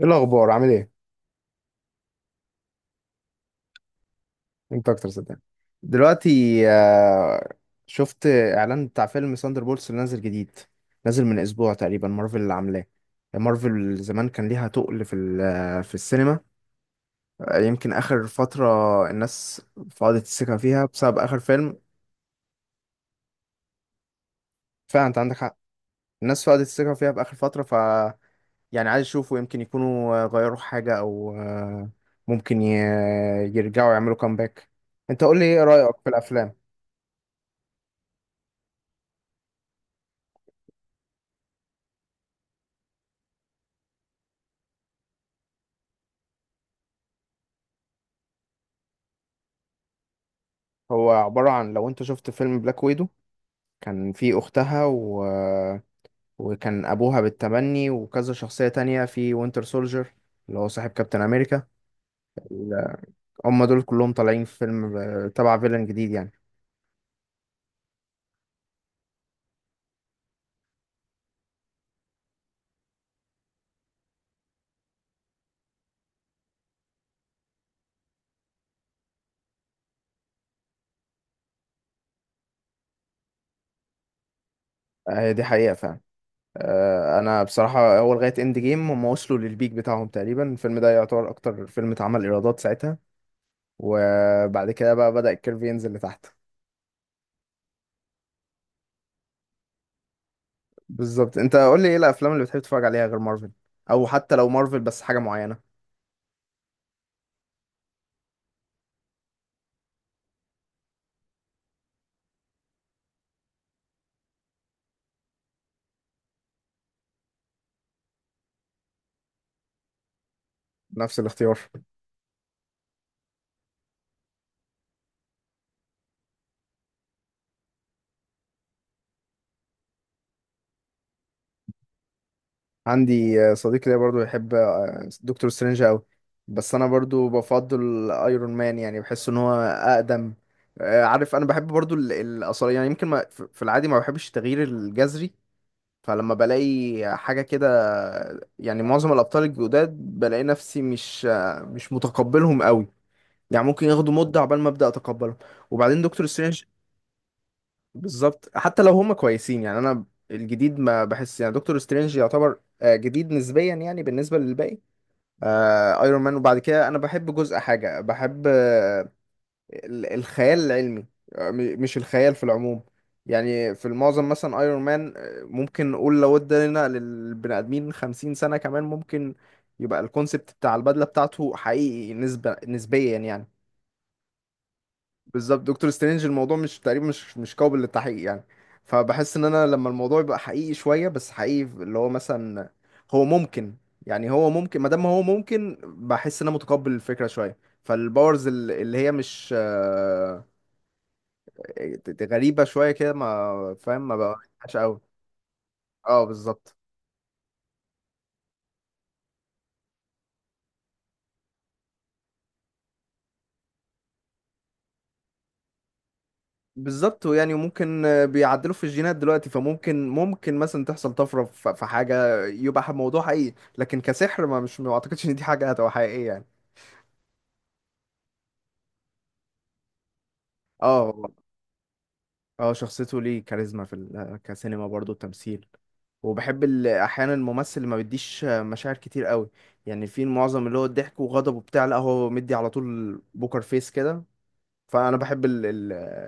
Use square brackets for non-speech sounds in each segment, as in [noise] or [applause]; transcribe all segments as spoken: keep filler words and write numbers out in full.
ايه الاخبار؟ عامل ايه؟ انت اكتر صدقني. دلوقتي. آه، شفت اعلان بتاع فيلم ساندر بولتس اللي نازل جديد. نازل من اسبوع تقريبا، مارفل اللي عاملاه. مارفل زمان كان ليها تقل في ال- آه، في السينما. آه، يمكن اخر فتره الناس فقدت الثقه فيها بسبب اخر فيلم. فعلا انت عندك حق. الناس فقدت الثقه فيها باخر فتره ف يعني عايز يشوفوا يمكن يكونوا آه، غيروا حاجه او آه، ممكن ي- آه، يرجعوا يعملوا كامباك. انت قول لي ايه رايك في الافلام؟ هو عبارة عن لو انت شفت فيلم بلاك ويدو. كان في اختها و... وكان ابوها بالتبني وكذا شخصية تانية في وينتر سولجر اللي هو صاحب كابتن امريكا. ال- هم دول كلهم طالعين في فيلم آه، تبع فيلن جديد يعني. آه، دي حقيقة فعلا. آه، انا بصراحة اول لغاية اند جيم هم وصلوا للبيك بتاعهم تقريبا، الفيلم ده يعتبر اكتر فيلم اتعمل ايرادات ساعتها. وبعد كده بقى بدأ الكيرف ينزل لتحت. بالظبط. انت قول لي ايه الافلام اللي بتحب تتفرج عليها غير مارفل؟ او حتى لو مارفل بس حاجة معينة. نفس الاختيار. عندي آه، صديق ليا برضو يحب آه، دكتور سترينج قوي. بس انا برضو بفضل ايرون مان، يعني بحس ان هو اقدم. آه، عارف انا بحب برضو ال- الاثار، يعني يمكن ما في في العادي ما بحبش التغيير الجذري. فلما بلاقي حاجة كده، يعني معظم الابطال الجداد بلاقي نفسي مش آه، مش متقبلهم قوي. يعني ممكن ياخدوا مدة عقبال ما ابدا اتقبلهم. وبعدين دكتور سترينج. بالظبط حتى لو هم كويسين يعني انا. الجديد ما بحس، يعني دكتور سترينج يعتبر آه، جديد نسبيا يعني بالنسبه للباقي. آه، ايرون مان. وبعد كده انا بحب جزء، حاجه بحب آه ال- الخيال العلمي. آه، م- مش الخيال في العموم. يعني في المعظم مثلا ايرون مان آه، ممكن نقول لو ادينا للبني ادمين 50 سنه كمان ممكن يبقى الكونسبت بتاع البدله بتاعته حقيقي، نسبه نسبيا يعني. بالظبط، دكتور سترينج الموضوع مش تقريبا مش مش قابل للتحقيق يعني. فبحس ان انا لما الموضوع يبقى حقيقي شويه، بس حقيقي اللي هو مثلا هو ممكن. يعني هو ممكن، ما دام هو ممكن بحس ان انا متقبل الفكره شويه. فالباورز ال- اللي هي مش آه، غريبه شويه كده، ما فاهم، ما بقاش قوي. اه، بالظبط. بالظبط، يعني ممكن بيعدلوا في الجينات دلوقتي فممكن ممكن مثلا تحصل طفره في في حاجه يبقى موضوع حقيقي، لكن كسحر ما، مش ما اعتقدش ان دي حاجه هتبقى حقيقيه يعني. اه. اه، شخصيته ليه كاريزما في ال- آه، كسينما برضه، تمثيل. وبحب ال- احيانا الممثل اللي ما بيديش مشاعر كتير قوي. يعني في معظم اللي هو الضحك وغضب وبتاع، لا، هو مدي على طول بوكر فيس كده. فانا بحب ال ال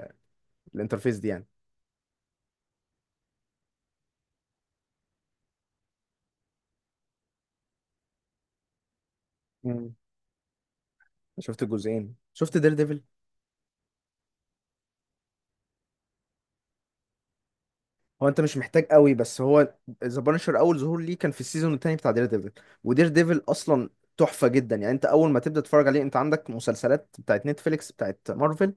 الانترفيس دي يعني. مم. شفت الجزئين. شفت دير ديفل؟ هو انت مش محتاج قوي، بس هو ذا بانشر اول ظهور ليه كان في السيزون التاني بتاع دير ديفل. ودير ديفل اصلا تحفة جدا. يعني انت اول ما تبدأ تتفرج عليه، انت عندك مسلسلات بتاعت نتفليكس بتاعت مارفل.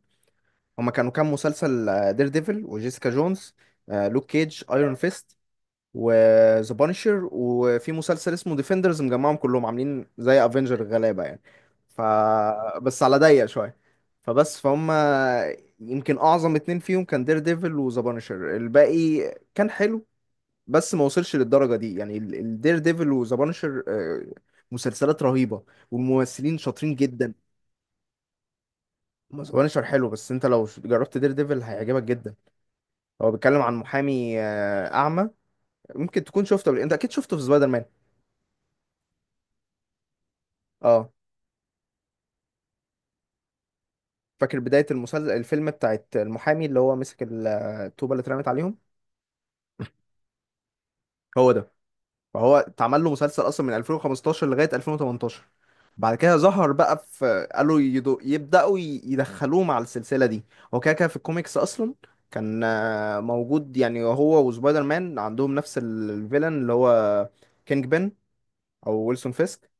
هما كانوا كام مسلسل؟ دير ديفل، وجيسيكا جونز، آه، لوك كيج، ايرون فيست، وذا بانشر. وفي مسلسل اسمه ديفندرز مجمعهم كلهم عاملين زي افنجر الغلابه يعني. ف بس على ضيق شويه. فبس فهم يمكن اعظم اتنين فيهم كان دير ديفل وذا بانشر. الباقي كان حلو، بس ما وصلش للدرجه دي. يعني الدير ديفل وذا بانشر مسلسلات رهيبه، والممثلين شاطرين جدا. ذا بانشر حلو، بس انت لو جربت دير ديفل هيعجبك جدا. هو بيتكلم عن محامي آه، اعمى. ممكن تكون شفته قبل، انت اكيد شفته في سبايدر مان. اه. فاكر بدايه المسلسل، الفيلم بتاعت المحامي اللي هو مسك ال- آه، الطوبه اللي اترمت عليهم؟ هو ده. فهو اتعمل له مسلسل اصلا من الفين وخمستاشر لغايه الفين وتمنتاشر. بعد كده ظهر بقى في، قالوا يدو... يبداوا ي- يدخلوه مع السلسله دي. هو كده كده في الكوميكس اصلا كان آه، موجود. يعني هو وسبايدر مان عندهم نفس ال- الفيلن اللي هو كينج بن، او ويلسون فيسك.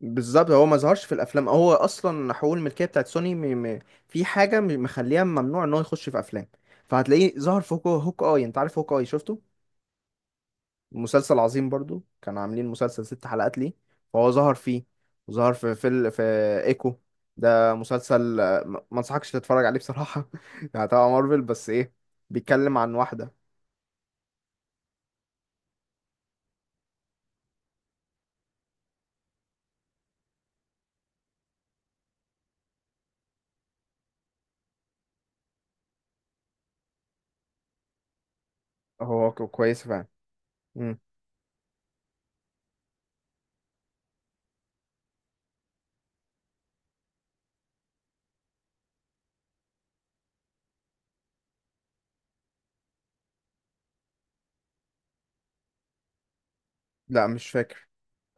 بالظبط، هو ما ظهرش في الافلام. هو اصلا حقوق الملكيه بتاعت سوني م... م... في حاجه م- مخليها ممنوع ان هو يخش في افلام. فهتلاقيه ظهر في هوك هوك اي. انت عارف هوك اي؟ شفته؟ مسلسل عظيم برضو، كانوا عاملين مسلسل ست حلقات ليه فهو ظهر فيه. وظهر في في, ال... في ايكو. ده مسلسل آه، ما ما انصحكش تتفرج عليه بصراحه [laughs] يعني تبع مارفل بس ايه. بيتكلم عن واحده. هو ك- كويس فعلا. لا، مش فاكر.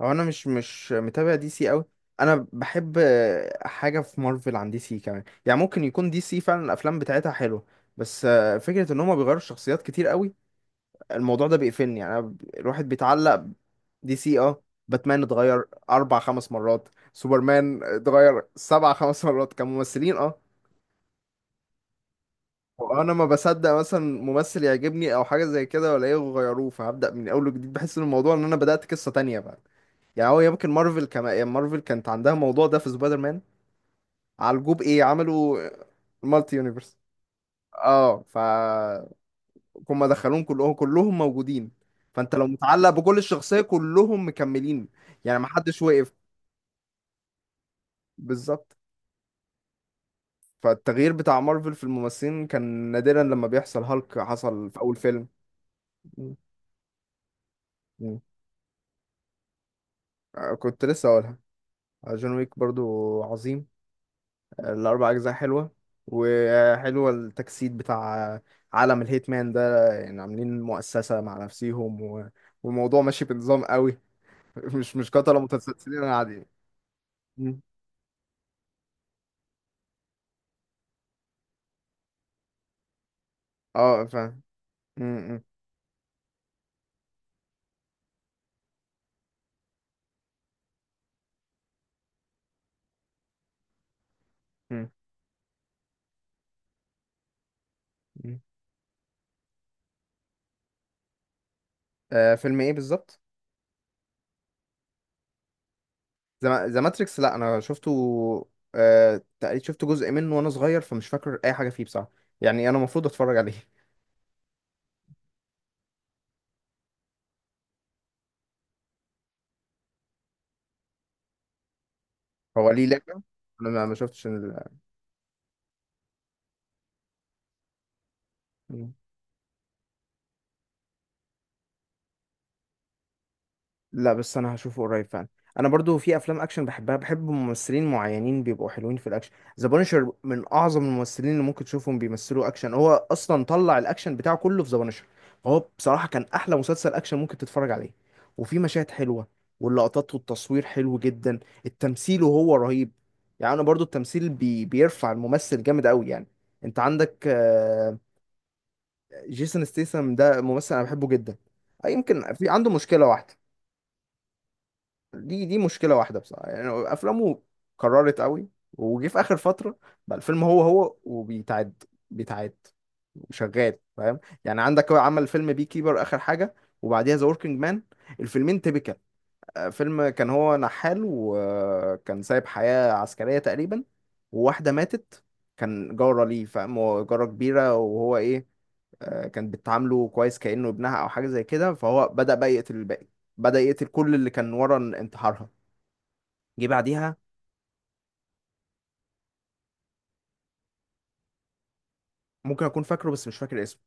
هو انا مش مش متابع دي سي قوي. انا بحب آه، حاجه في مارفل عن دي سي كمان، يعني ممكن يكون دي سي فعلا الافلام بتاعتها حلوه، بس آه، فكره ان هما بيغيروا الشخصيات كتير قوي الموضوع ده بيقفلني. يعني أنا ب- الواحد بيتعلق ب- دي سي. اه. باتمان اتغير اربع، خمس مرات. سوبرمان اتغير سبع، خمس مرات كممثلين. اه. وانا ما بصدق مثلا ممثل يعجبني او حاجه زي كده ولا ايه، غيروه، فهبدا من اول وجديد بحس ان الموضوع ان انا بدات قصه تانية. يعني هو يمكن مارفل كما يعني مارفل كانت عندها موضوع ده في سبايدر مان. عالجوه بايه؟ عملوا مالتي يونيفرس. اه. ف هم دخلوهم كلهم كلهم موجودين، فانت لو متعلق بكل الشخصيه كلهم مكملين. يعني ما حدش وقف. بالظبط. فالتغيير بتاع مارفل في الممثلين كان نادرا لما بيحصل. هالك حصل في اول فيلم. م. م. آه، كنت لسه اقولها. آه، جون ويك برضو عظيم. الأربع أجزاء حلوة. وحلوة التجسيد بتاع عالم الهيتمان ده. يعني عاملين مؤسسة مع نفسيهم و... والموضوع ماشي بنظام قوي. [laughs] مش مش قتلة متسلسلين عادي. مم. اه، فاهم. م- م- م- م. آه فيلم ايه بالظبط؟ ذا ذا ماتريكس؟ لا، انا شفته. آه تقريبا شفت جزء منه وانا صغير، فمش فاكر اي حاجه فيه بصراحه. يعني انا المفروض اتفرج عليه. هو ليه لعبه؟ انا ما ما شفتش. ال... لا، بس انا هشوفه قريب فعلا. انا برضو في افلام اكشن بحبها، بحب ممثلين معينين بيبقوا حلوين في الاكشن. ذا بانشر من اعظم الممثلين اللي ممكن تشوفهم بيمثلوا اكشن. هو اصلا طلع الاكشن بتاعه كله في ذا بانشر، فهو بصراحه كان احلى مسلسل اكشن ممكن تتفرج عليه. وفي مشاهد حلوه، واللقطات والتصوير حلو جدا، التمثيل وهو رهيب. يعني انا برضو التمثيل بي بيرفع الممثل جامد قوي يعني. انت عندك آه، جيسون ستيسم ده ممثل انا بحبه جدا. آه، يمكن في عنده مشكله واحده. دي دي مشكله واحده بصراحه. يعني افلامه كررت قوي، وجي في اخر فتره بقى الفيلم هو هو وبيتعد، بيتعد، وشغال، فاهم يعني. عندك هو عمل فيلم بي كيبر اخر حاجه، وبعديها ذا وركينج مان، الفيلمين تيبيكال. آه، فيلم كان هو نحال، وكان سايب حياه عسكريه تقريبا، وواحده ماتت كان جاره ليه، فاهم، هو جاره كبيره وهو ايه، آه، كان بتعامله كويس كانه ابنها او حاجه زي كده. فهو بدا بقى يقتل الباقي، بدا يقتل كل اللي كان ورا انتحارها. جه بعديها. ممكن اكون فاكره بس مش فاكر اسمه.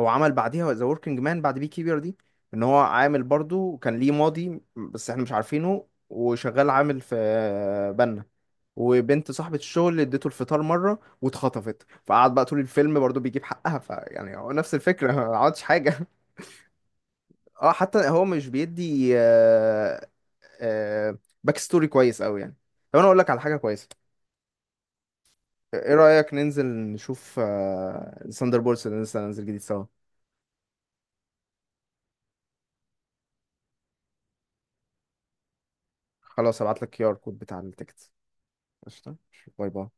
هو عمل بعديها ذا وركينج مان بعد بي كيبر دي، ان هو عامل برضو كان ليه ماضي بس احنا مش عارفينه، وشغال عامل في بنا، وبنت صاحبة الشغل اللي اديته الفطار مرة واتخطفت، فقعد بقى طول الفيلم برضو بيجيب حقها. فيعني هو نفس الفكرة [laughs] ما عملتش حاجة [laughs] اه، حتى هو مش بيدي آه آه باك ستوري كويس قوي يعني. طب انا اقول لك على حاجة كويسة. ايه رأيك ننزل نشوف آه ساندر بولس اللي لسه هننزل جديد سوا؟ خلاص هبعت لك كيو ار كود بتاع التيكت. قشطة. باي باي.